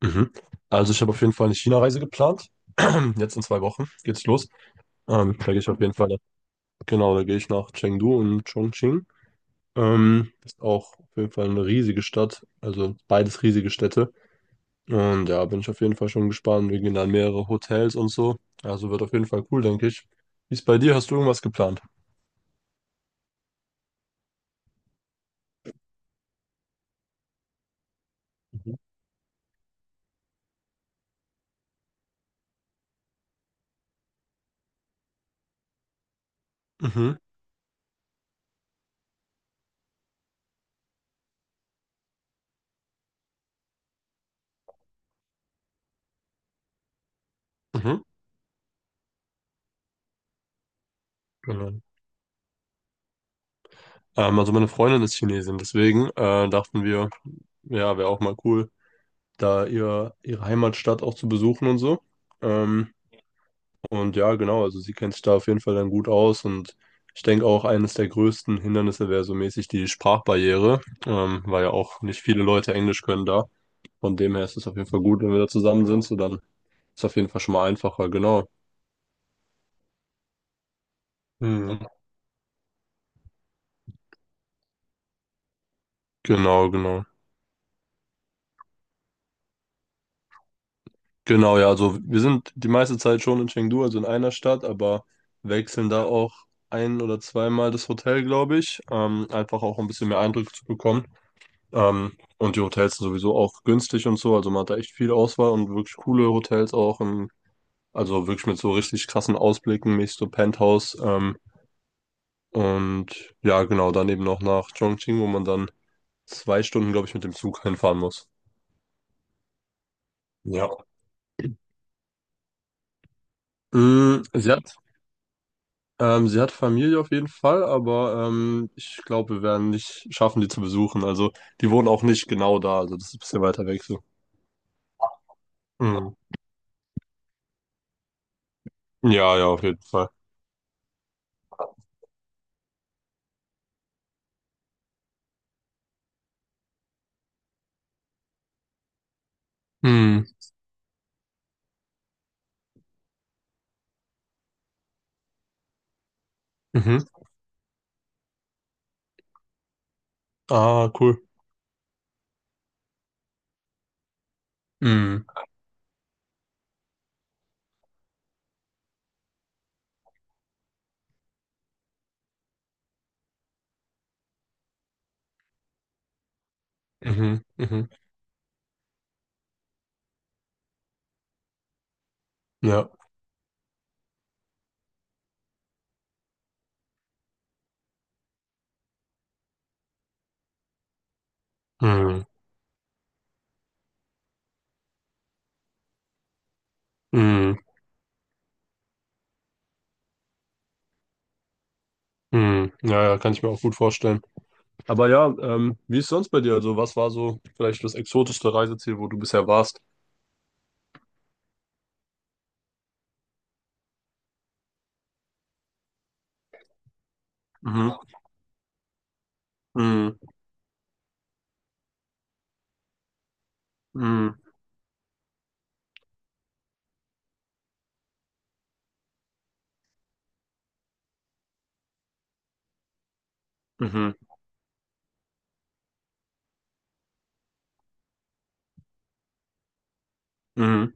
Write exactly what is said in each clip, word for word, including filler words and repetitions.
Mhm. Also ich habe auf jeden Fall eine China-Reise geplant. Jetzt in zwei Wochen geht's los. Ähm, da gehe ich auf jeden Fall, genau, da gehe ich nach Chengdu und Chongqing. Ähm, ist auch auf jeden Fall eine riesige Stadt, also beides riesige Städte. Und ja, bin ich auf jeden Fall schon gespannt. Wir gehen dann mehrere Hotels und so. Also wird auf jeden Fall cool, denke ich. Wie ist bei dir? Hast du irgendwas geplant? Mhm. Mhm. Mhm. Genau. Ähm, also meine Freundin ist Chinesin, deswegen äh, dachten wir, ja, wäre auch mal cool, da ihr, ihre Heimatstadt auch zu besuchen und so. Ähm, und ja, genau, also sie kennt sich da auf jeden Fall dann gut aus, und ich denke auch, eines der größten Hindernisse wäre so mäßig die Sprachbarriere, ähm, weil ja auch nicht viele Leute Englisch können da. Von dem her ist es auf jeden Fall gut, wenn wir da zusammen sind, so dann ist es auf jeden Fall schon mal einfacher, genau. Hm. Genau, genau. Genau, ja, also wir sind die meiste Zeit schon in Chengdu, also in einer Stadt, aber wechseln da auch ein oder zweimal das Hotel, glaube ich, ähm, einfach auch um ein bisschen mehr Eindruck zu bekommen. Ähm, und die Hotels sind sowieso auch günstig und so. Also man hat da echt viel Auswahl und wirklich coole Hotels auch. Und also wirklich mit so richtig krassen Ausblicken, mäßig so Penthouse. Ähm, und ja, genau, dann eben noch nach Chongqing, wo man dann zwei Stunden, glaube ich, mit dem Zug hinfahren muss. Ja. Mm, sie hat, ähm, sie hat Familie auf jeden Fall, aber ähm, ich glaube, wir werden nicht schaffen, die zu besuchen. Also die wohnen auch nicht genau da. Also das ist ein bisschen weiter weg so. Mm. Ja, ja, auf jeden Fall. Mm. Mhm. Ah, cool. Mhm. Mhm. Mhm. Ja. Mhm. Mhm. Mhm. Ja, ja, kann ich mir auch gut vorstellen. Aber ja, ähm, wie ist sonst bei dir? Also, was war so vielleicht das exotischste Reiseziel, wo du bisher warst? Mhm. Mhm. Mhm. Mhm. Mhm.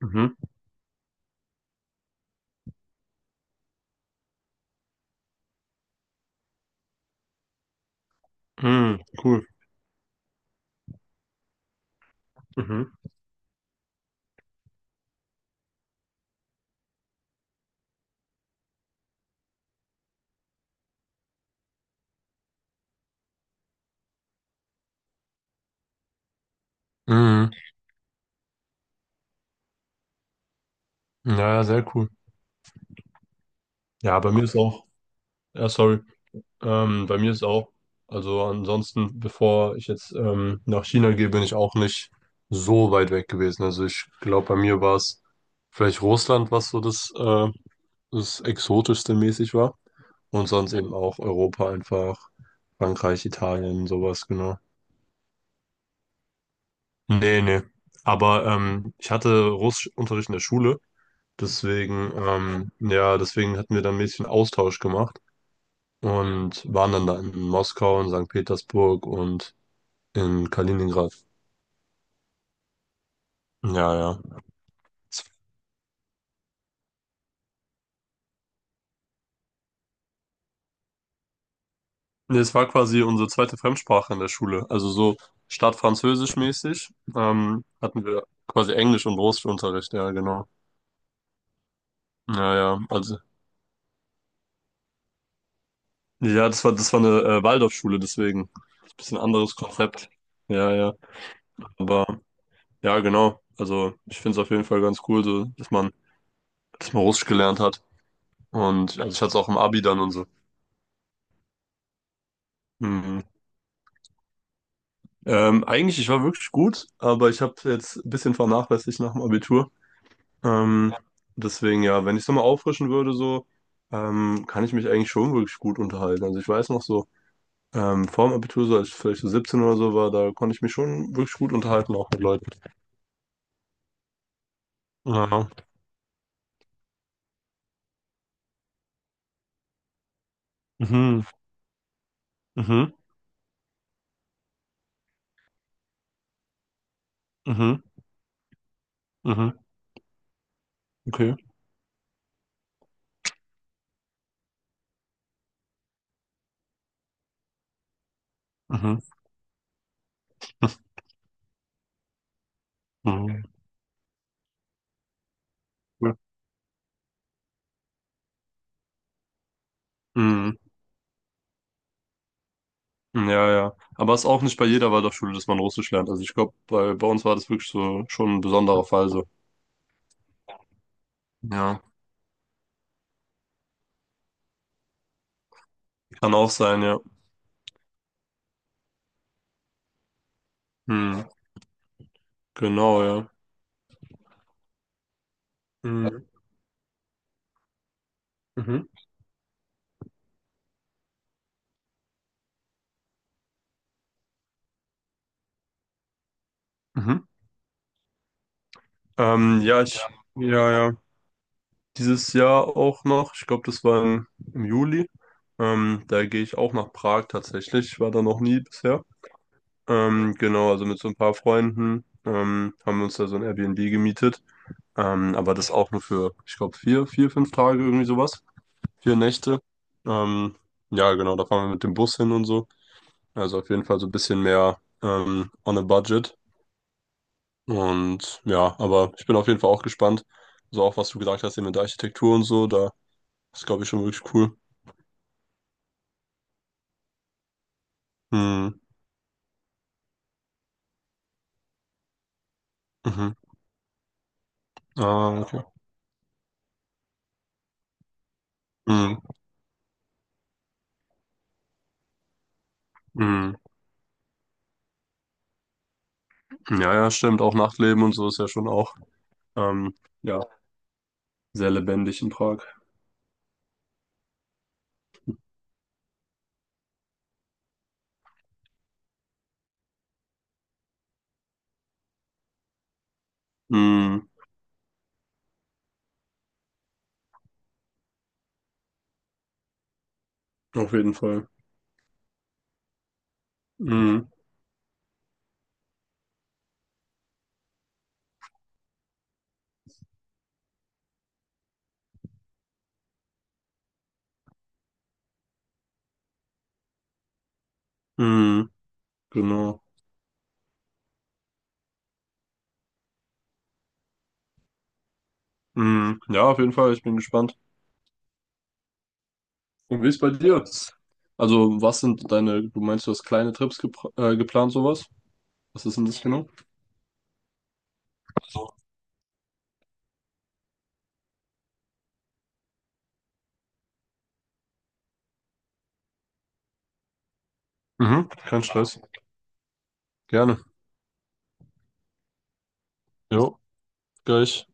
Mhm. Mhm. Cool. Mhm. Mhm. Ja, ja, sehr cool. Ja, bei mir ist auch. Ja, sorry. Ähm, bei mir ist auch, also ansonsten, bevor ich jetzt ähm, nach China gehe, bin ich auch nicht so weit weg gewesen. Also ich glaube, bei mir war es vielleicht Russland, was so das, äh, das Exotischste mäßig war. Und sonst eben auch Europa einfach, Frankreich, Italien, sowas, genau. Nee, nee. Aber ähm, ich hatte Russischunterricht in der Schule, deswegen, ähm, ja, deswegen hatten wir dann ein bisschen Austausch gemacht und waren dann da in Moskau und Sankt Petersburg und in Kaliningrad. Ja, ja. Es nee, es war quasi unsere zweite Fremdsprache in der Schule. Also so statt Französisch mäßig ähm, hatten wir quasi Englisch und Russischunterricht. Ja, genau. Ja, ja. Also, ja, das war, das war eine äh, Waldorfschule, deswegen. Bisschen anderes Konzept. Ja, ja. Aber ja, genau. Also ich finde es auf jeden Fall ganz cool, so, dass man, dass man Russisch gelernt hat. Und also ich hatte es auch im Abi dann und so. Mhm. Ähm, eigentlich, ich war wirklich gut, aber ich habe jetzt ein bisschen vernachlässigt nach dem Abitur. Ähm, deswegen ja, wenn ich es nochmal auffrischen würde, so, ähm, kann ich mich eigentlich schon wirklich gut unterhalten. Also ich weiß noch so, ähm, vor dem Abitur, so als ich vielleicht so siebzehn oder so war, da konnte ich mich schon wirklich gut unterhalten, auch mit Leuten. Ja. Mhm. Mhm. Mhm. Mhm. Okay. Mhm. Mhm. Cool. Mhm. Ja, ja. Aber es ist auch nicht bei jeder Waldorfschule, dass man Russisch lernt. Also ich glaube, bei, bei uns war das wirklich so schon ein besonderer Fall so. Ja. Kann auch sein, ja. Mhm. Genau, ja. Mhm. Mhm. Mhm. Ähm, ja, ich, ja, ja, dieses Jahr auch noch. Ich glaube, das war im, im Juli. Ähm, da gehe ich auch nach Prag tatsächlich. Ich war da noch nie bisher. Ähm, genau, also mit so ein paar Freunden ähm, haben wir uns da so ein Airbnb gemietet. Ähm, aber das auch nur für, ich glaube, vier, vier, fünf Tage irgendwie sowas. Vier Nächte. Ähm, ja, genau, da fahren wir mit dem Bus hin und so. Also auf jeden Fall so ein bisschen mehr ähm, on a budget. Und ja, aber ich bin auf jeden Fall auch gespannt. So auch, was du gesagt hast, eben mit der Architektur und so, da ist, glaube ich, schon wirklich cool. Hm, mhm. Ah, okay. Hm, hm. Ja, ja, stimmt. Auch Nachtleben und so ist ja schon auch, ähm, ja, sehr lebendig in Prag. Hm, auf jeden Fall. Hm, hm, genau. Hm, ja, auf jeden Fall. Ich bin gespannt. Und wie ist bei dir? Also, was sind deine, du meinst, du hast kleine Trips gepr- äh, geplant, sowas? Was ist denn das genau? Mhm, kein Stress. Gerne. Jo, gleich.